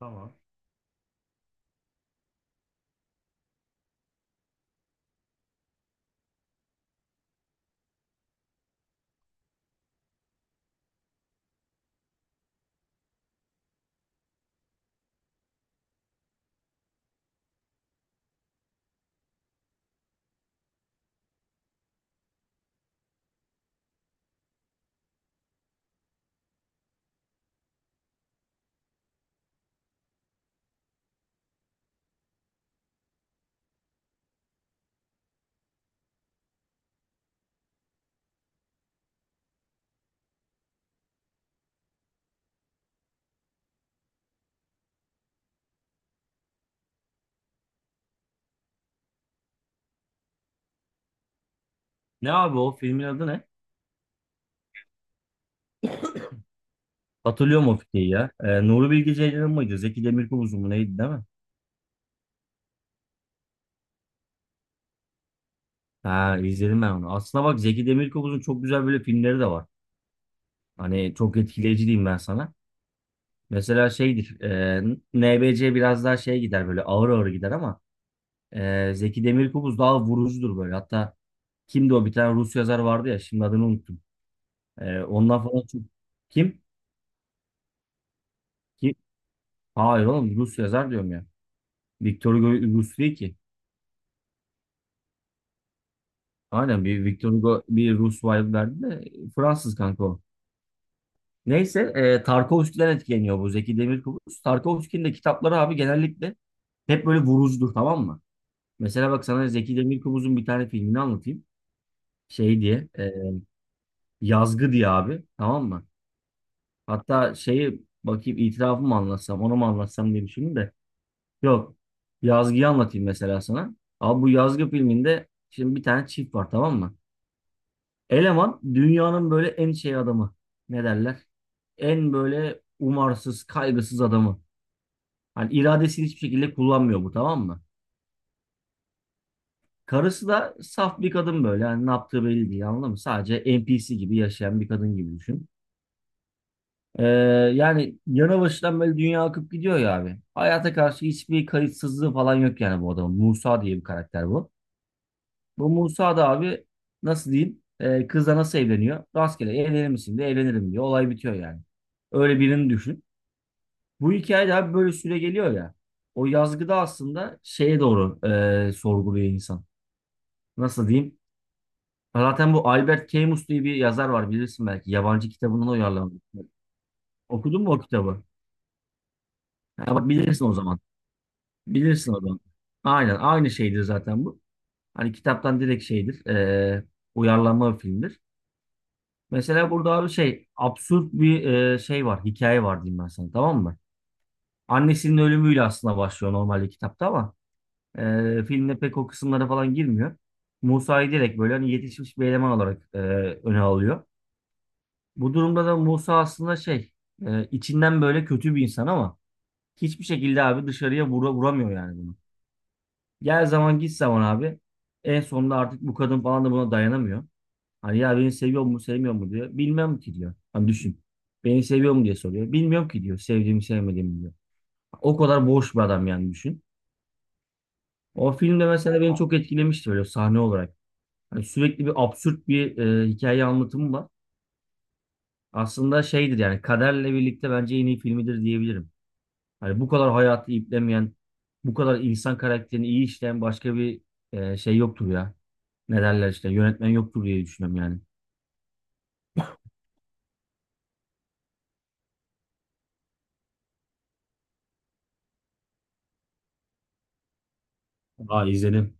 Tamam. Ne abi o filmin adı ne? Hatırlıyorum o fikri ya. Nuri Bilge Ceylan mıydı? Zeki Demirkubuz'un mu neydi değil mi? Ha izledim ben onu. Aslına bak Zeki Demirkubuz'un çok güzel böyle filmleri de var. Hani çok etkileyici diyeyim ben sana. Mesela şeydir. NBC biraz daha şey gider böyle ağır ağır gider ama Zeki Demirkubuz daha vurucudur böyle. Hatta kimdi o bir tane Rus yazar vardı ya şimdi adını unuttum. E, ondan falan çok... Kim? Kim? Hayır oğlum Rus yazar diyorum ya. Victor Hugo Rus değil ki. Aynen bir Victor Hugo bir Rus vibe verdi de Fransız kanka o. Neyse Tarkovski'den etkileniyor bu Zeki Demirkubuz. Tarkovski'nin de kitapları abi genellikle hep böyle vurucudur, tamam mı? Mesela bak sana Zeki Demirkubuz'un bir tane filmini anlatayım. Şey diye e, Yazgı diye abi, tamam mı? Hatta şeyi bakayım, itirafımı mı anlatsam onu mu anlatsam diye düşündüm de. Yok, Yazgı'yı anlatayım mesela sana. Abi bu Yazgı filminde şimdi bir tane çift var, tamam mı? Eleman dünyanın böyle en şey adamı. Ne derler? En böyle umarsız, kaygısız adamı. Hani iradesini hiçbir şekilde kullanmıyor bu, tamam mı? Karısı da saf bir kadın böyle. Yani ne yaptığı belli değil, anladın mı? Sadece NPC gibi yaşayan bir kadın gibi düşün. Ee, yani yana başından böyle dünya akıp gidiyor ya abi. Hayata karşı hiçbir kayıtsızlığı falan yok yani bu adamın. Musa diye bir karakter bu. Bu Musa da abi nasıl diyeyim? E, kızla nasıl evleniyor? Rastgele evlenir misin de evlenirim diyor. Olay bitiyor yani. Öyle birini düşün. Bu hikaye de abi böyle süre geliyor ya. O yazgıda aslında şeye doğru sorguluyor insan. Nasıl diyeyim? Zaten bu Albert Camus diye bir yazar var, bilirsin belki. Yabancı kitabından uyarlanmış. Okudun mu o kitabı? Ha, bak bilirsin o zaman. Bilirsin o zaman. Aynen aynı şeydir zaten bu. Hani kitaptan direkt şeydir. Uyarlanma bir filmdir. Mesela burada abi şey absürt bir şey var, hikaye var diyeyim ben sana, tamam mı? Annesinin ölümüyle aslında başlıyor normalde kitapta ama filmde pek o kısımlara falan girmiyor. Musa'yı direkt böyle hani yetişmiş bir eleman olarak öne alıyor. Bu durumda da Musa aslında şey içinden böyle kötü bir insan ama hiçbir şekilde abi dışarıya vuramıyor yani bunu. Gel zaman git zaman abi, en sonunda artık bu kadın falan da buna dayanamıyor. Hani ya beni seviyor mu sevmiyor mu diyor. Bilmem ki diyor. Hani düşün. Beni seviyor mu diye soruyor. Bilmiyorum ki diyor. Sevdiğimi sevmediğimi diyor. O kadar boş bir adam yani düşün. O filmde mesela beni çok etkilemişti böyle sahne olarak. Hani sürekli bir absürt bir hikaye anlatımı var. Aslında şeydir yani kaderle birlikte bence en iyi filmidir diyebilirim. Hani bu kadar hayatı iplemeyen, bu kadar insan karakterini iyi işleyen başka bir şey yoktur ya. Ne derler işte, yönetmen yoktur diye düşünüyorum yani. Aa, izledim.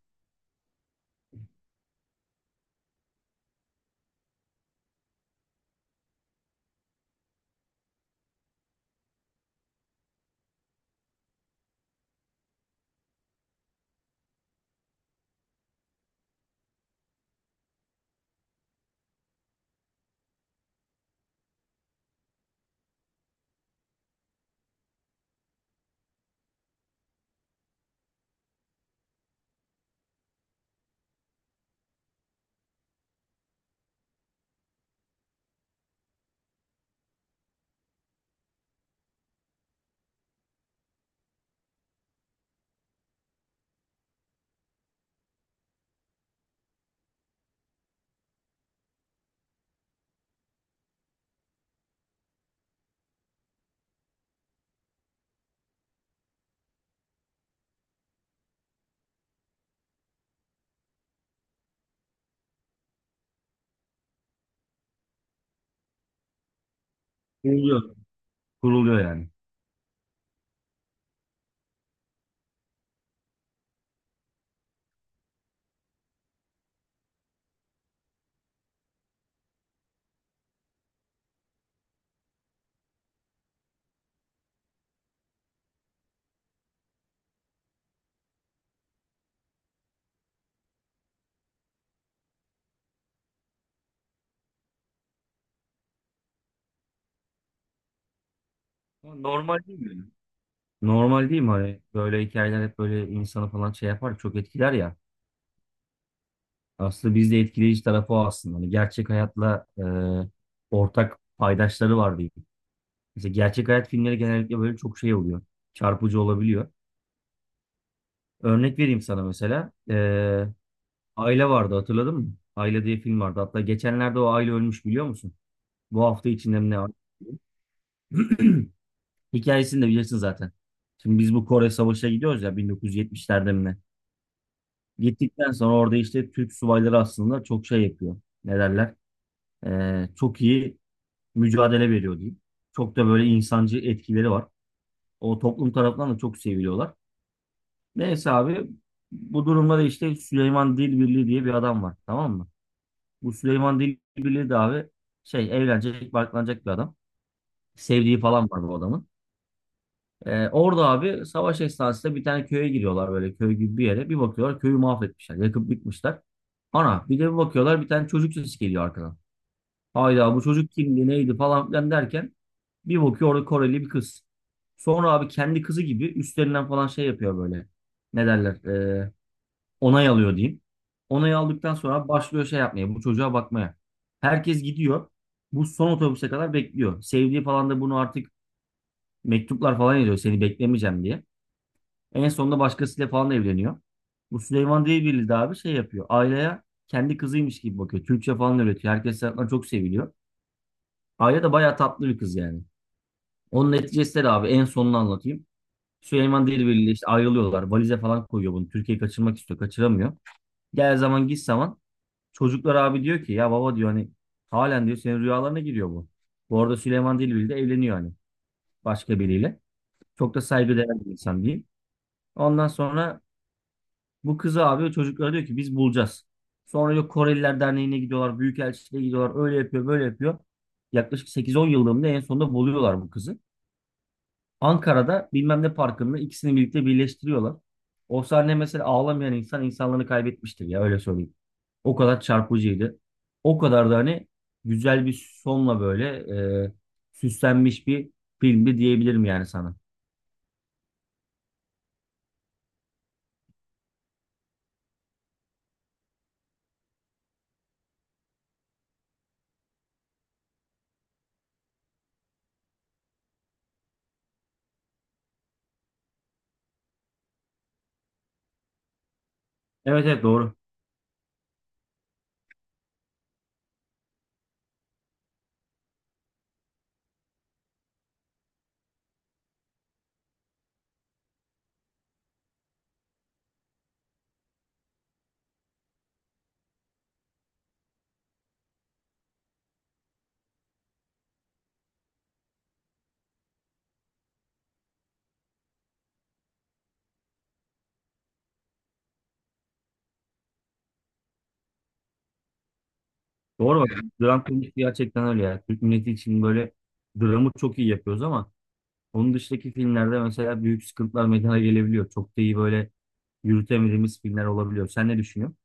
Kuruluyor. Kuruluyor yani. Normal değil mi? Normal değil mi? Hani böyle hikayeler hep böyle insanı falan şey yapar, çok etkiler ya. Aslında bizde etkileyici tarafı o aslında. Hani gerçek hayatla ortak paydaşları var diyeyim. Mesela gerçek hayat filmleri genellikle böyle çok şey oluyor. Çarpıcı olabiliyor. Örnek vereyim sana mesela. E, Aile vardı hatırladın mı? Aile diye film vardı. Hatta geçenlerde o aile ölmüş biliyor musun? Bu hafta içinde mi ne var? Hikayesini de bilirsin zaten. Şimdi biz bu Kore Savaşı'na gidiyoruz ya, 1970'lerde mi ne? Gittikten sonra orada işte Türk subayları aslında çok şey yapıyor. Ne derler? Çok iyi mücadele veriyor diyeyim. Çok da böyle insancı etkileri var. O toplum tarafından da çok seviliyorlar. Neyse abi, bu durumda da işte Süleyman Dilbirli diye bir adam var. Tamam mı? Bu Süleyman Dilbirli de abi şey, evlenecek, barklanacak bir adam. Sevdiği falan var bu adamın. Orada abi savaş esnasında bir tane köye giriyorlar böyle, köy gibi bir yere. Bir bakıyorlar köyü mahvetmişler. Yakıp bitmişler. Ana bir de bir bakıyorlar bir tane çocuk sesi geliyor arkadan. Hayda, bu çocuk kimdi neydi falan filan derken bir bakıyor orada Koreli bir kız. Sonra abi kendi kızı gibi üstlerinden falan şey yapıyor böyle. Ne derler? Onay alıyor diyeyim. Onay aldıktan sonra başlıyor şey yapmaya, bu çocuğa bakmaya. Herkes gidiyor. Bu son otobüse kadar bekliyor. Sevdiği falan da bunu artık mektuplar falan yazıyor seni beklemeyeceğim diye. En sonunda başkasıyla falan evleniyor. Bu Süleyman Demirel de abi şey yapıyor. Ayla'ya kendi kızıymış gibi bakıyor. Türkçe falan öğretiyor. Herkes tarafından çok seviliyor. Ayla da bayağı tatlı bir kız yani. Onun neticesi de abi en sonunu anlatayım. Süleyman Demirel ile işte ayrılıyorlar. Valize falan koyuyor bunu. Türkiye'yi kaçırmak istiyor. Kaçıramıyor. Gel zaman git zaman. Çocuklar abi diyor ki ya baba diyor, hani halen diyor senin rüyalarına giriyor bu. Bu arada Süleyman Demirel de evleniyor hani başka biriyle. Çok da saygıdeğer bir insan diyeyim. Ondan sonra bu kızı abi çocuklara diyor ki biz bulacağız. Sonra yok, Koreliler Derneği'ne gidiyorlar. Büyükelçiliğe gidiyorlar. Öyle yapıyor böyle yapıyor. Yaklaşık 8-10 yıllığında en sonunda buluyorlar bu kızı. Ankara'da bilmem ne parkında ikisini birlikte birleştiriyorlar. O sahne mesela ağlamayan insan insanlığını kaybetmiştir ya, öyle söyleyeyim. O kadar çarpıcıydı. O kadar da hani güzel bir sonla böyle e, süslenmiş bir filmdi diyebilirim yani sana. Evet evet, doğru. Doğru bak. Dram konusu gerçekten öyle ya. Türk milleti için böyle dramı çok iyi yapıyoruz ama onun dışındaki filmlerde mesela büyük sıkıntılar meydana gelebiliyor. Çok da iyi böyle yürütemediğimiz filmler olabiliyor. Sen ne düşünüyorsun?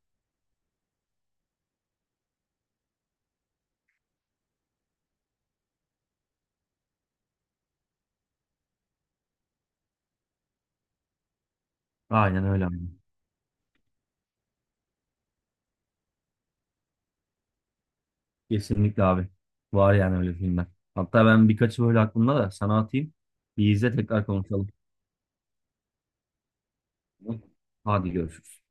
Aynen öyle abi. Kesinlikle abi. Var yani öyle filmler. Hatta ben birkaçı böyle aklımda da sana atayım. Bir izle tekrar konuşalım. Hadi görüşürüz.